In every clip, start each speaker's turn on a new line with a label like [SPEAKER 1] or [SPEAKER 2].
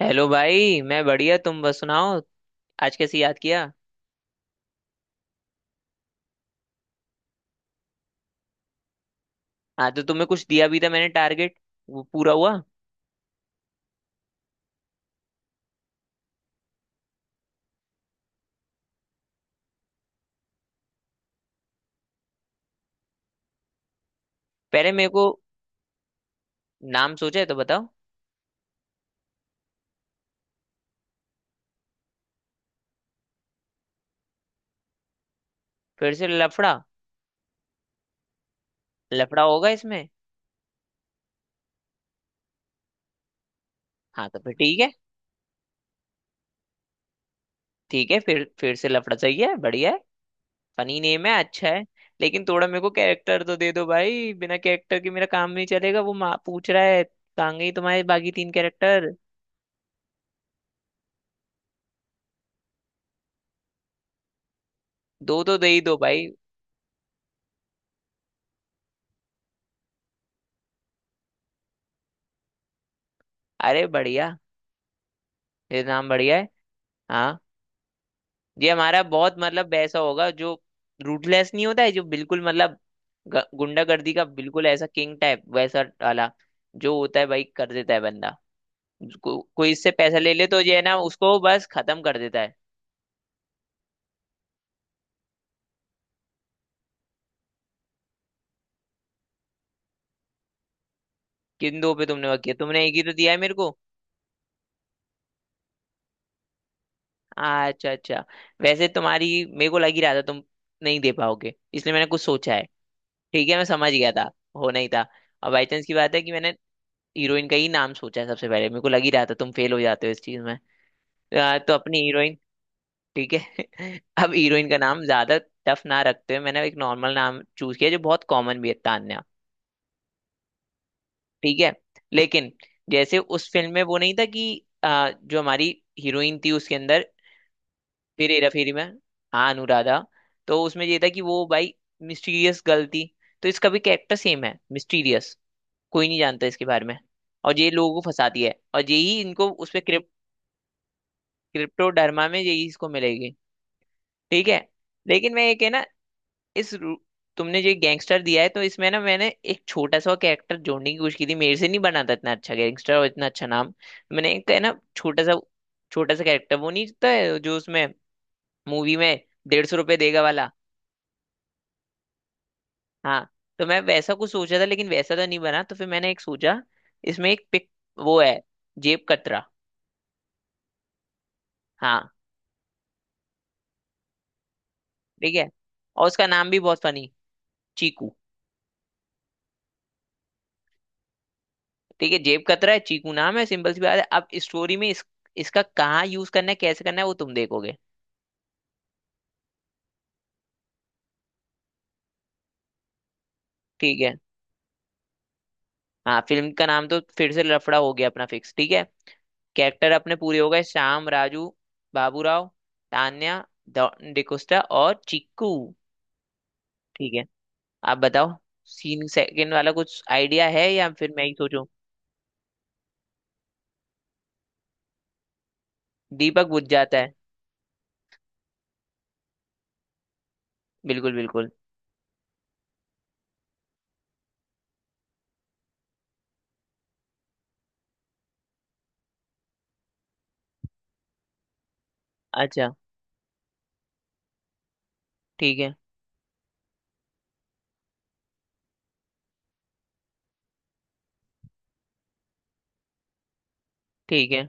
[SPEAKER 1] Hello भाई, मैं बढ़िया। तुम बस सुनाओ। आज कैसे याद किया? हाँ, तो तुम्हें कुछ दिया भी था मैंने टारगेट। वो पूरा हुआ? पहले मेरे को। नाम सोचा है तो बताओ। फिर से लफड़ा? लफड़ा होगा इसमें। हाँ, तो फिर ठीक है। ठीक है, फिर से लफड़ा सही है, बढ़िया है। फनी नेम है, अच्छा है। लेकिन थोड़ा मेरे को कैरेक्टर तो दे दो भाई, बिना कैरेक्टर के मेरा काम नहीं चलेगा। वो माँ पूछ रहा है, कहाँ गई तुम्हारे बाकी तीन कैरेक्टर? दो तो दे ही दो भाई। अरे बढ़िया, ये नाम बढ़िया है। हाँ, ये हमारा बहुत मतलब ऐसा होगा जो रूटलेस नहीं होता है, जो बिल्कुल मतलब गुंडागर्दी का बिल्कुल ऐसा किंग टाइप वैसा वाला जो होता है। भाई कर देता है बंदा। कोई इससे पैसा ले ले तो ये है ना, उसको बस खत्म कर देता है। किन दो पे तुमने वर्क किया? तुमने एक ही तो दिया है मेरे को। अच्छा अच्छा, वैसे तुम्हारी मेरे को लग ही रहा था तुम नहीं दे पाओगे, इसलिए मैंने कुछ सोचा है। ठीक है, मैं समझ गया था, होना ही था। और बाई चांस की बात है कि मैंने हीरोइन का ही नाम सोचा है, सबसे पहले मेरे को लग ही रहा था तुम फेल हो जाते हो इस चीज में। तो अपनी हीरोइन ठीक है। अब हीरोइन का नाम ज्यादा टफ ना रखते हुए मैंने एक नॉर्मल नाम चूज किया जो बहुत कॉमन भी है, तान्या। ठीक है। लेकिन जैसे उस फिल्म में वो नहीं था कि जो हमारी हीरोइन थी उसके अंदर, फिर हेरा फेरी में, हाँ अनुराधा। तो उसमें ये था कि वो भाई मिस्टीरियस गर्ल थी। तो इसका भी कैरेक्टर सेम है, मिस्टीरियस, कोई नहीं जानता इसके बारे में। और ये लोगों को फंसाती है और यही इनको उसपे क्रिप्टोडर्मा में यही इसको मिलेगी। ठीक है। लेकिन मैं एक है ना, इस रू- तुमने जो गैंगस्टर दिया है तो इसमें ना मैंने एक छोटा सा कैरेक्टर जोड़ने की कोशिश की थी, मेरे से नहीं बना था इतना अच्छा गैंगस्टर और इतना अच्छा नाम। मैंने एक है ना छोटा सा, छोटा सा कैरेक्टर, वो नहीं था जो उसमें मूवी में 150 रुपये देगा वाला? हाँ। तो मैं वैसा कुछ सोचा था लेकिन वैसा तो नहीं बना, तो फिर मैंने एक सोचा, इसमें एक पिक वो है, जेब कतरा। हाँ। ठीक है, और उसका नाम भी बहुत फनी, चीकू। ठीक है, जेब कतरा है, चीकू नाम है, सिंपल सी बात है। अब स्टोरी में इसका कहाँ यूज करना है कैसे करना है वो तुम देखोगे। ठीक है। हाँ, फिल्म का नाम तो फिर से लफड़ा हो गया अपना फिक्स, ठीक है। कैरेक्टर अपने पूरे हो गए, श्याम, राजू, बाबूराव, तान्या, डिकोस्टा और चिक्कू। ठीक है, आप बताओ। सीन सेकंड वाला कुछ आइडिया है या फिर मैं ही सोचूं? दीपक बुझ जाता है। बिल्कुल बिल्कुल। अच्छा। ठीक है ठीक है।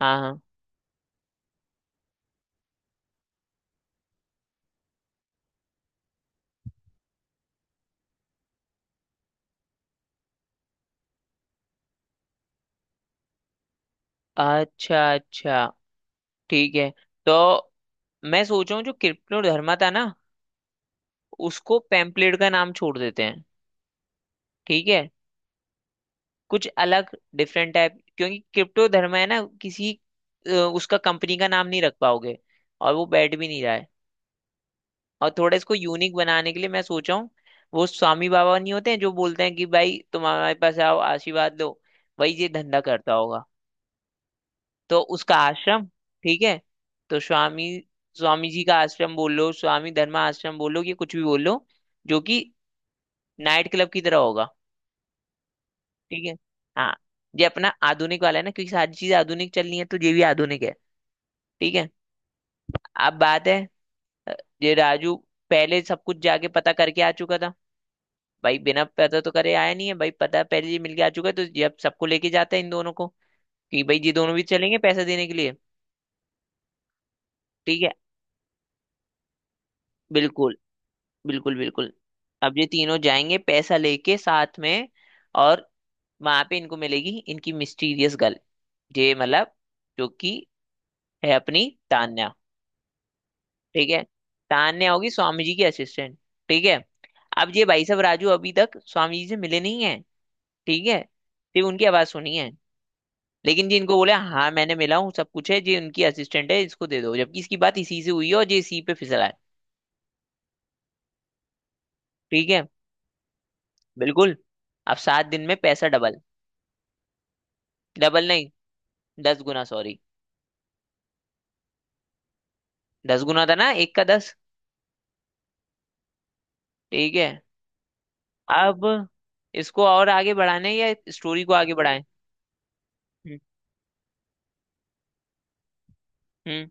[SPEAKER 1] हाँ हाँ। अच्छा अच्छा, ठीक है। तो मैं सोच रहा हूँ जो कृष्णोधर्मा था ना, उसको पेम्पलेट का नाम छोड़ देते हैं। ठीक है, कुछ अलग, डिफरेंट टाइप, क्योंकि क्रिप्टो धर्म है ना किसी उसका कंपनी का नाम नहीं रख पाओगे, और वो बैठ भी नहीं रहा है। और थोड़ा इसको यूनिक बनाने के लिए मैं सोचा हूँ, वो स्वामी बाबा नहीं होते हैं जो बोलते हैं कि भाई तुम हमारे पास आओ आशीर्वाद लो, वही ये धंधा करता होगा। तो उसका आश्रम, ठीक है। तो स्वामी, स्वामी जी का आश्रम बोल लो, स्वामी धर्मा आश्रम बोल लो, कि कुछ भी बोल लो, जो कि नाइट क्लब की तरह होगा। ठीक है। हाँ, ये अपना आधुनिक वाला है ना, क्योंकि सारी चीजें आधुनिक चल रही है तो ये भी आधुनिक है। ठीक है। अब बात है, अ, ये राजू पहले सब कुछ जाके पता करके आ चुका था। भाई बिना पता तो करे आया नहीं है भाई, पता पहले ये मिलके आ चुका है। तो ये अब सबको लेके जाता है इन दोनों को, कि भाई ये दोनों भी चलेंगे पैसा देने के लिए। ठीक है, बिल्कुल बिल्कुल बिल्कुल। अब ये तीनों जाएंगे पैसा लेके साथ में, और वहां पे इनको मिलेगी इनकी मिस्टीरियस गर्ल, ये मतलब जो कि है अपनी तान्या। ठीक है, तान्या होगी स्वामी जी की असिस्टेंट। ठीक है। अब ये भाई साहब राजू अभी तक स्वामी जी से मिले नहीं है, ठीक है, सिर्फ उनकी आवाज सुनी है। लेकिन जी इनको बोले हाँ मैंने मिला हूँ सब कुछ है जी, उनकी असिस्टेंट है इसको दे दो, जबकि इसकी बात इसी से हुई है और जी इसी पे फिसला है। ठीक है, बिल्कुल। अब 7 दिन में पैसा डबल। डबल नहीं, 10 गुना सॉरी, 10 गुना था ना, एक का 10। ठीक है। अब इसको और आगे बढ़ाने या स्टोरी को आगे बढ़ाएं? हम्म हम्म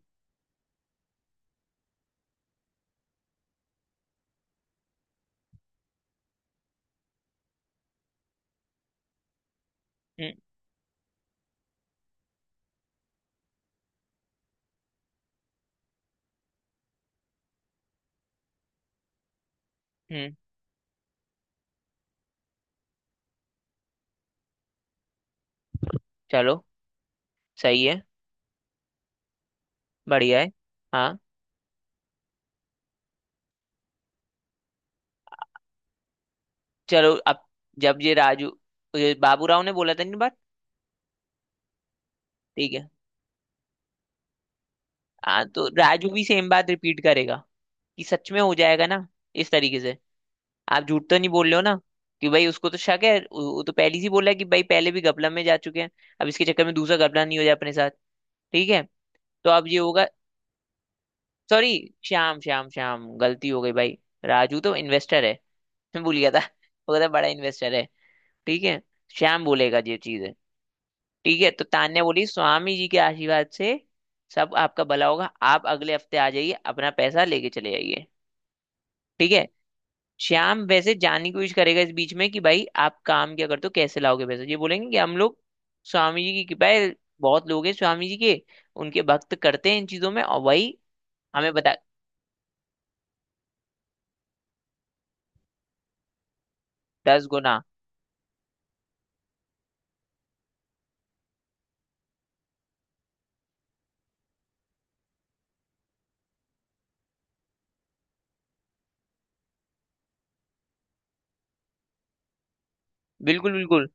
[SPEAKER 1] हम्म हम्म, चलो सही है, बढ़िया है। हाँ। चलो अब, जब ये राजू, ये बाबू राव ने बोला था नहीं बात। ठीक है। हाँ, तो राजू भी सेम बात रिपीट करेगा कि सच में हो जाएगा ना, इस तरीके से, आप झूठ तो नहीं बोल रहे हो ना, कि भाई उसको तो शक है, वो तो पहले ही बोला है कि भाई पहले भी गपला में जा चुके हैं, अब इसके चक्कर में दूसरा गपला नहीं हो जाए अपने साथ। ठीक है, तो अब ये होगा। सॉरी, श्याम श्याम श्याम, गलती हो गई भाई, राजू तो इन्वेस्टर है, मैं भूल गया था, वो तो बड़ा इन्वेस्टर है। ठीक है, श्याम बोलेगा ये चीज। ठीक है, तो तान्या बोली स्वामी जी के आशीर्वाद से सब आपका भला होगा, आप अगले हफ्ते आ जाइए अपना पैसा लेके चले जाइए। ठीक है। श्याम वैसे जानने की कोशिश करेगा इस बीच में कि भाई आप काम क्या करते हो कैसे लाओगे पैसा, ये बोलेंगे कि हम लोग स्वामी जी की कृपा है, बहुत लोग हैं स्वामी जी के, उनके भक्त करते हैं इन चीजों में और वही। हमें बता, 10 गुना। बिल्कुल बिल्कुल।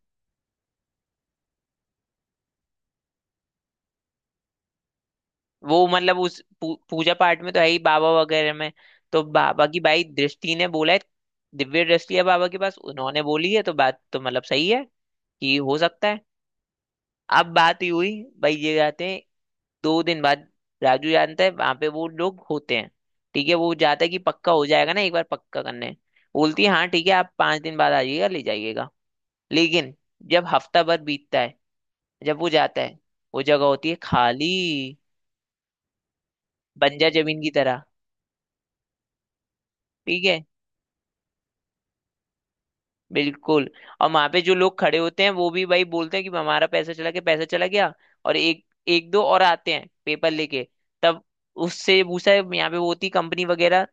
[SPEAKER 1] वो मतलब उस पूजा पाठ में तो है ही, बाबा वगैरह में, तो बाबा की भाई दृष्टि ने बोला है, दिव्य दृष्टि है बाबा के पास, उन्होंने बोली है तो बात तो मतलब सही है, कि हो सकता है। अब बात ये हुई, भाई ये जाते हैं, 2 दिन बाद राजू जानता है वहां पे वो लोग होते हैं, ठीक है, वो जाता है कि पक्का हो जाएगा ना, एक बार पक्का करने। बोलती है हाँ ठीक है आप 5 दिन बाद आ जाइएगा ले जाइएगा। लेकिन जब हफ्ता भर बीतता है, जब वो जाता है, वो जगह होती है खाली, बंजर जमीन की तरह। ठीक है, बिल्कुल। और वहां पे जो लोग खड़े होते हैं वो भी भाई बोलते हैं कि हमारा पैसा चला गया, पैसा चला गया, और एक एक दो और आते हैं पेपर लेके। तब उससे पूछा है यहाँ पे वो होती कंपनी वगैरह,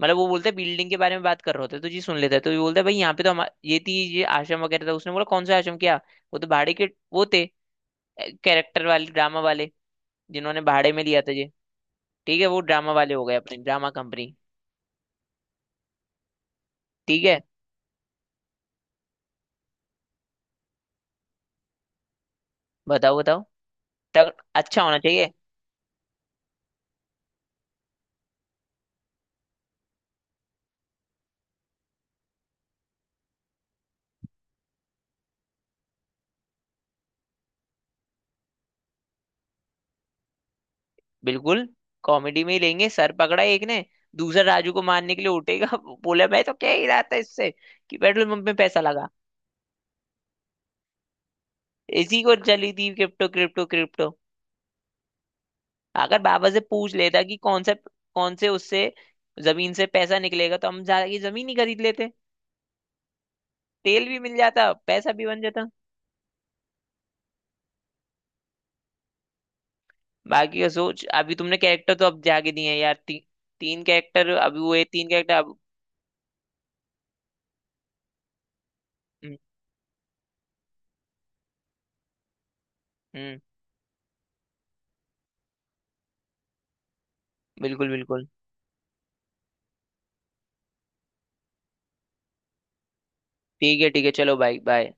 [SPEAKER 1] मतलब वो बोलते हैं बिल्डिंग के बारे में बात कर रहे होते हैं तो जी सुन लेता है। तो ये बोलता है भाई यहाँ पे तो हम, ये थी ये आश्रम वगैरह था। उसने बोला कौन सा आश्रम क्या, वो तो भाड़े के वो थे, कैरेक्टर वाले, ड्रामा वाले, जिन्होंने भाड़े में लिया था ये। ठीक है, वो ड्रामा वाले हो गए अपने ड्रामा कंपनी। ठीक है, बताओ बताओ, तब अच्छा होना चाहिए। बिल्कुल, कॉमेडी में ही लेंगे, सर पकड़ा एक ने, दूसरा राजू को मारने के लिए उठेगा बोला मैं तो क्या ही रहा था इससे, कि पेट्रोल पंप में पैसा लगा, इसी को चली थी क्रिप्टो क्रिप्टो क्रिप्टो, अगर बाबा से पूछ लेता कि कौन से, कौन से उससे जमीन से पैसा निकलेगा तो हम जाके जमीन ही खरीद लेते, तेल भी मिल जाता पैसा भी बन जाता। बाकी का सोच, अभी तुमने कैरेक्टर तो अब जाके दिए हैं यार, तीन कैरेक्टर अभी हुए, तीन कैरेक्टर अब। हम्म हम्म, बिल्कुल बिल्कुल, ठीक है ठीक है, चलो भाई बाय।